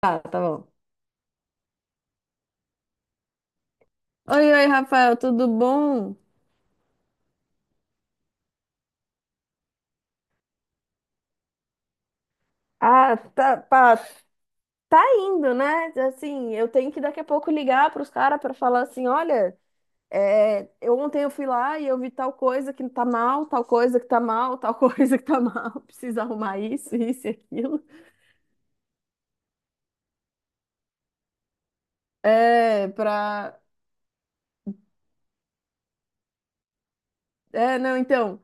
Tá, tá bom. Oi, oi, Rafael, tudo bom? Ah, tá, pá, tá indo, né? Assim, eu tenho que daqui a pouco ligar para os caras para falar assim, olha, é, eu ontem eu fui lá e eu vi tal coisa que tá mal, tal coisa que tá mal, tal coisa que tá mal, precisa arrumar isso, isso e aquilo. É, pra. É, não, então.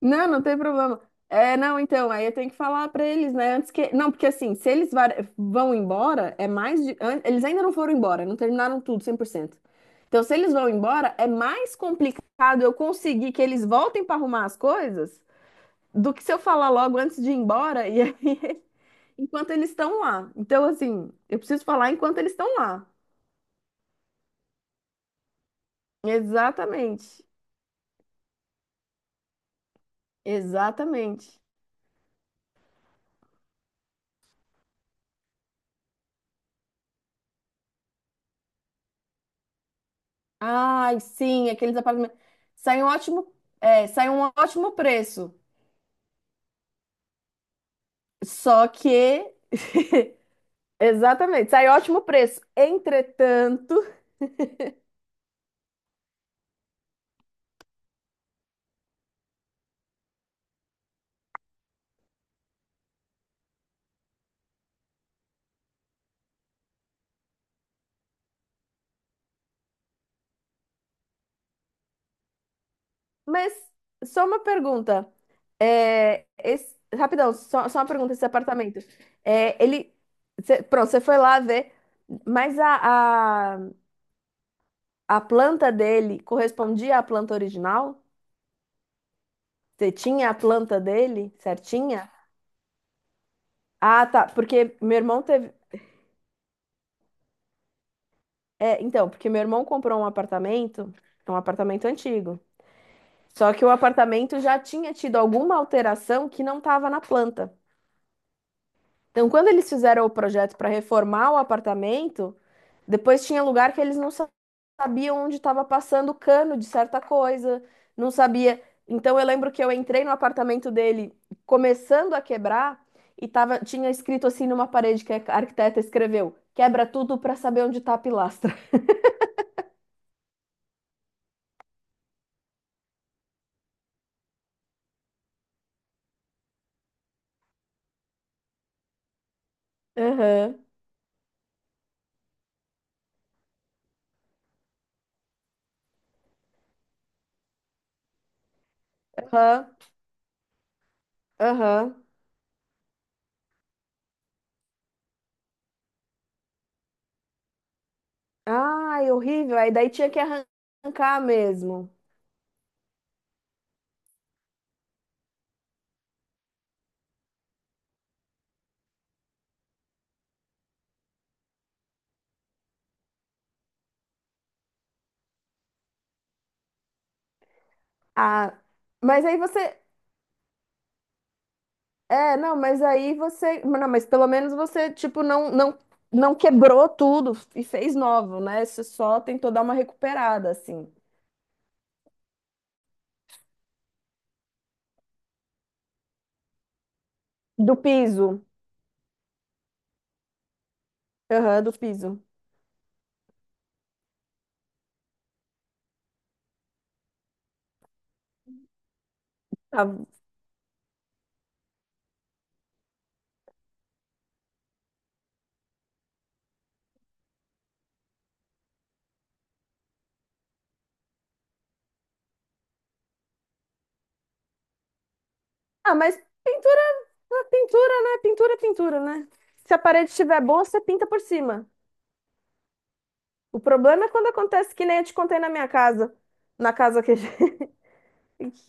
Não, não tem problema. É, não, então, aí eu tenho que falar pra eles, né? Antes que. Não, porque assim, se eles vão embora, é mais. Eles ainda não foram embora, não terminaram tudo 100%. Então, se eles vão embora, é mais complicado eu conseguir que eles voltem pra arrumar as coisas do que se eu falar logo antes de ir embora e aí, enquanto eles estão lá. Então, assim, eu preciso falar enquanto eles estão lá. Exatamente. Exatamente. Ai, sim, aqueles apartamentos. Sai um ótimo, sai um ótimo preço. Só que. Exatamente, sai ótimo preço. Entretanto. Mas só uma pergunta. Rapidão, só uma pergunta: esse apartamento. É, ele. Pronto, você foi lá ver, mas a planta dele correspondia à planta original? Você tinha a planta dele certinha? Ah, tá. Porque meu irmão teve. É, então, porque meu irmão comprou um apartamento, é um apartamento antigo. Só que o apartamento já tinha tido alguma alteração que não estava na planta. Então, quando eles fizeram o projeto para reformar o apartamento, depois tinha lugar que eles não sabiam onde estava passando o cano de certa coisa, não sabia. Então, eu lembro que eu entrei no apartamento dele, começando a quebrar, e tinha escrito assim numa parede que a arquiteta escreveu: quebra tudo para saber onde está a pilastra. Aham, aham. Aham. Ai, horrível. Aí daí tinha que arrancar mesmo. Ah, mas aí você. É, não, mas aí você. Não, mas pelo menos você, tipo, não, não, não quebrou tudo e fez novo, né? Você só tentou dar uma recuperada, assim. Do piso. Aham, do piso. Ah, ah, mas pintura, é pintura, né? Pintura, é pintura, né? Se a parede estiver boa, você pinta por cima. O problema é quando acontece que nem eu te contei na minha casa. Na casa que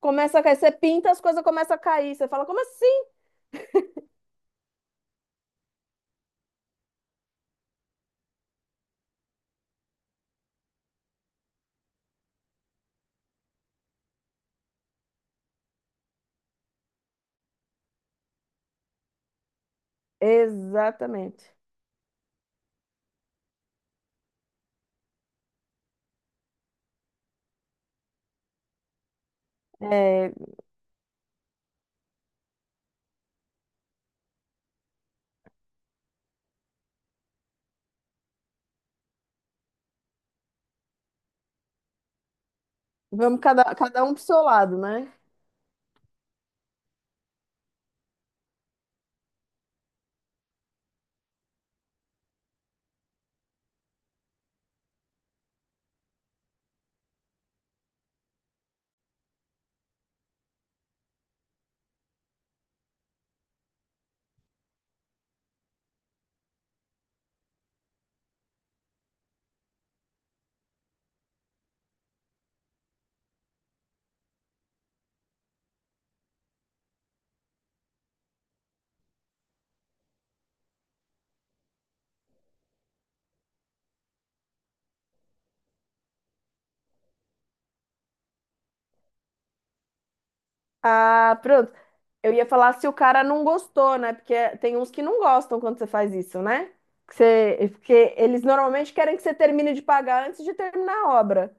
começa a cair, você pinta, as coisas começam a cair. Você fala, como assim? Exatamente. É, vamos cada um pro seu lado, né? Ah, pronto. Eu ia falar se o cara não gostou, né? Porque tem uns que não gostam quando você faz isso, né? Porque eles normalmente querem que você termine de pagar antes de terminar a obra.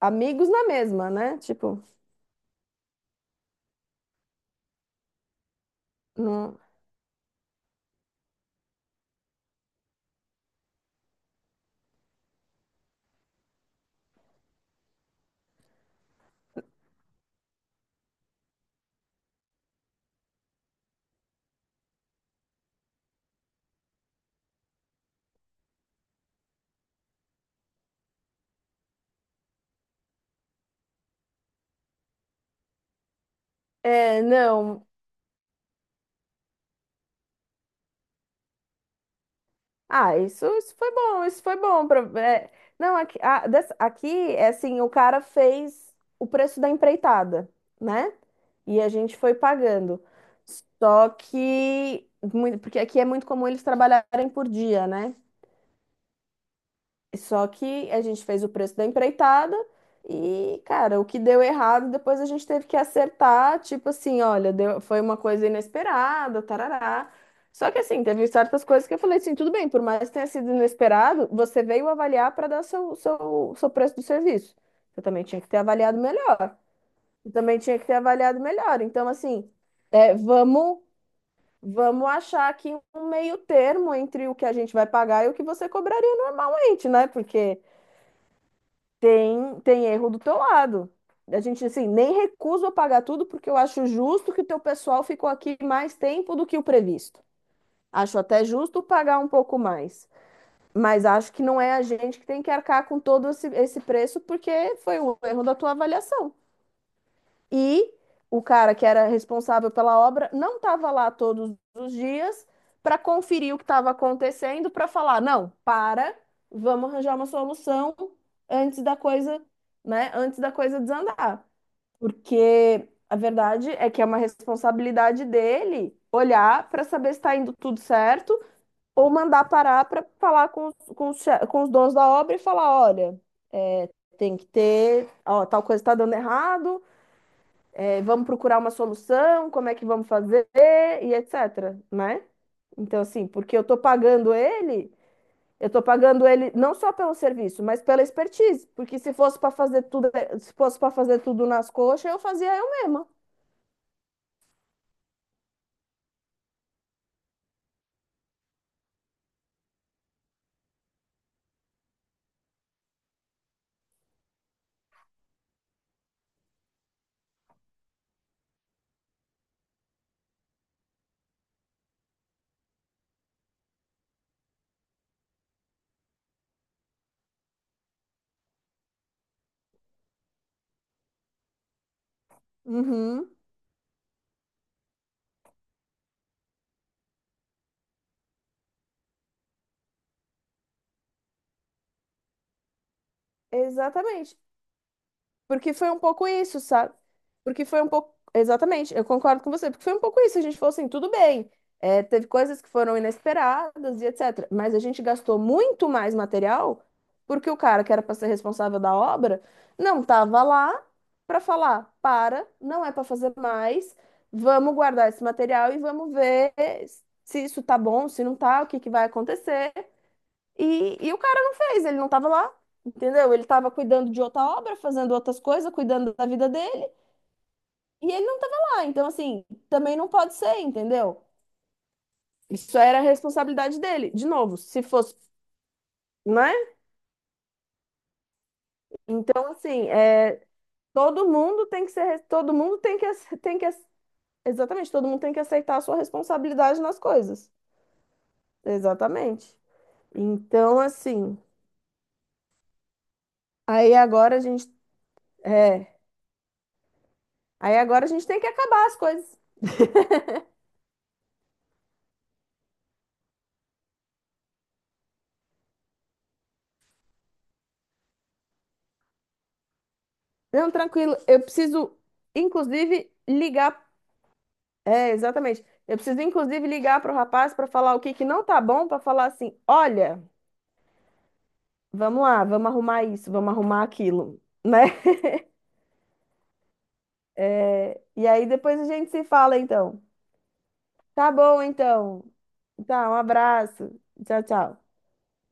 Amigos na mesma, né? Tipo, não. É, não. Ah, isso foi bom, isso foi bom. Não, aqui, aqui é assim, o cara fez o preço da empreitada, né? E a gente foi pagando. Só que, porque aqui é muito comum eles trabalharem por dia, né? Só que a gente fez o preço da empreitada e, cara, o que deu errado, depois a gente teve que acertar, tipo assim, olha, foi uma coisa inesperada, tarará. Só que assim, teve certas coisas que eu falei assim, tudo bem, por mais que tenha sido inesperado, você veio avaliar para dar seu preço do serviço. Você também tinha que ter avaliado melhor. Você também tinha que ter avaliado melhor. Então, assim, é, vamos, vamos achar aqui um meio termo entre o que a gente vai pagar e o que você cobraria normalmente, né? Porque tem erro do teu lado. A gente, assim, nem recuso pagar tudo porque eu acho justo que o teu pessoal ficou aqui mais tempo do que o previsto. Acho até justo pagar um pouco mais, mas acho que não é a gente que tem que arcar com todo esse preço porque foi um erro da tua avaliação. E o cara que era responsável pela obra não estava lá todos os dias para conferir o que estava acontecendo, para falar, não, para, vamos arranjar uma solução antes da coisa, né, antes da coisa desandar. Porque a verdade é que é uma responsabilidade dele olhar para saber se está indo tudo certo ou mandar parar para falar com os donos da obra e falar, olha, é, tem que ter, ó, tal coisa está dando errado, vamos procurar uma solução, como é que vamos fazer e etc, né? Então, assim, porque eu tô pagando ele não só pelo serviço, mas pela expertise. Porque se fosse para fazer tudo, se fosse para fazer tudo nas coxas, eu fazia eu mesma. Uhum, exatamente. Porque foi um pouco isso, sabe? Porque foi um pouco. Exatamente, eu concordo com você. Porque foi um pouco isso. A gente falou assim, tudo bem. Teve coisas que foram inesperadas e etc. Mas a gente gastou muito mais material porque o cara que era para ser responsável da obra não estava lá para falar: para, não é para fazer mais, vamos guardar esse material e vamos ver se isso tá bom, se não tá, o que que vai acontecer. E o cara não fez, ele não tava lá, entendeu? Ele tava cuidando de outra obra, fazendo outras coisas, cuidando da vida dele, e ele não tava lá. Então, assim, também não pode ser, entendeu? Isso era a responsabilidade dele. De novo, se fosse, né? Então, assim, todo mundo tem que, ace- exatamente, todo mundo tem que aceitar a sua responsabilidade nas coisas. Exatamente. Então, assim, aí agora a gente, é, aí agora a gente tem que acabar as coisas. Não, tranquilo. Eu preciso, inclusive, ligar. É, exatamente. Eu preciso, inclusive, ligar para o rapaz para falar o que que não tá bom, para falar assim: olha, vamos lá, vamos arrumar isso, vamos arrumar aquilo, né? E aí depois a gente se fala, então. Tá bom, então. Tá, um abraço. Tchau, tchau.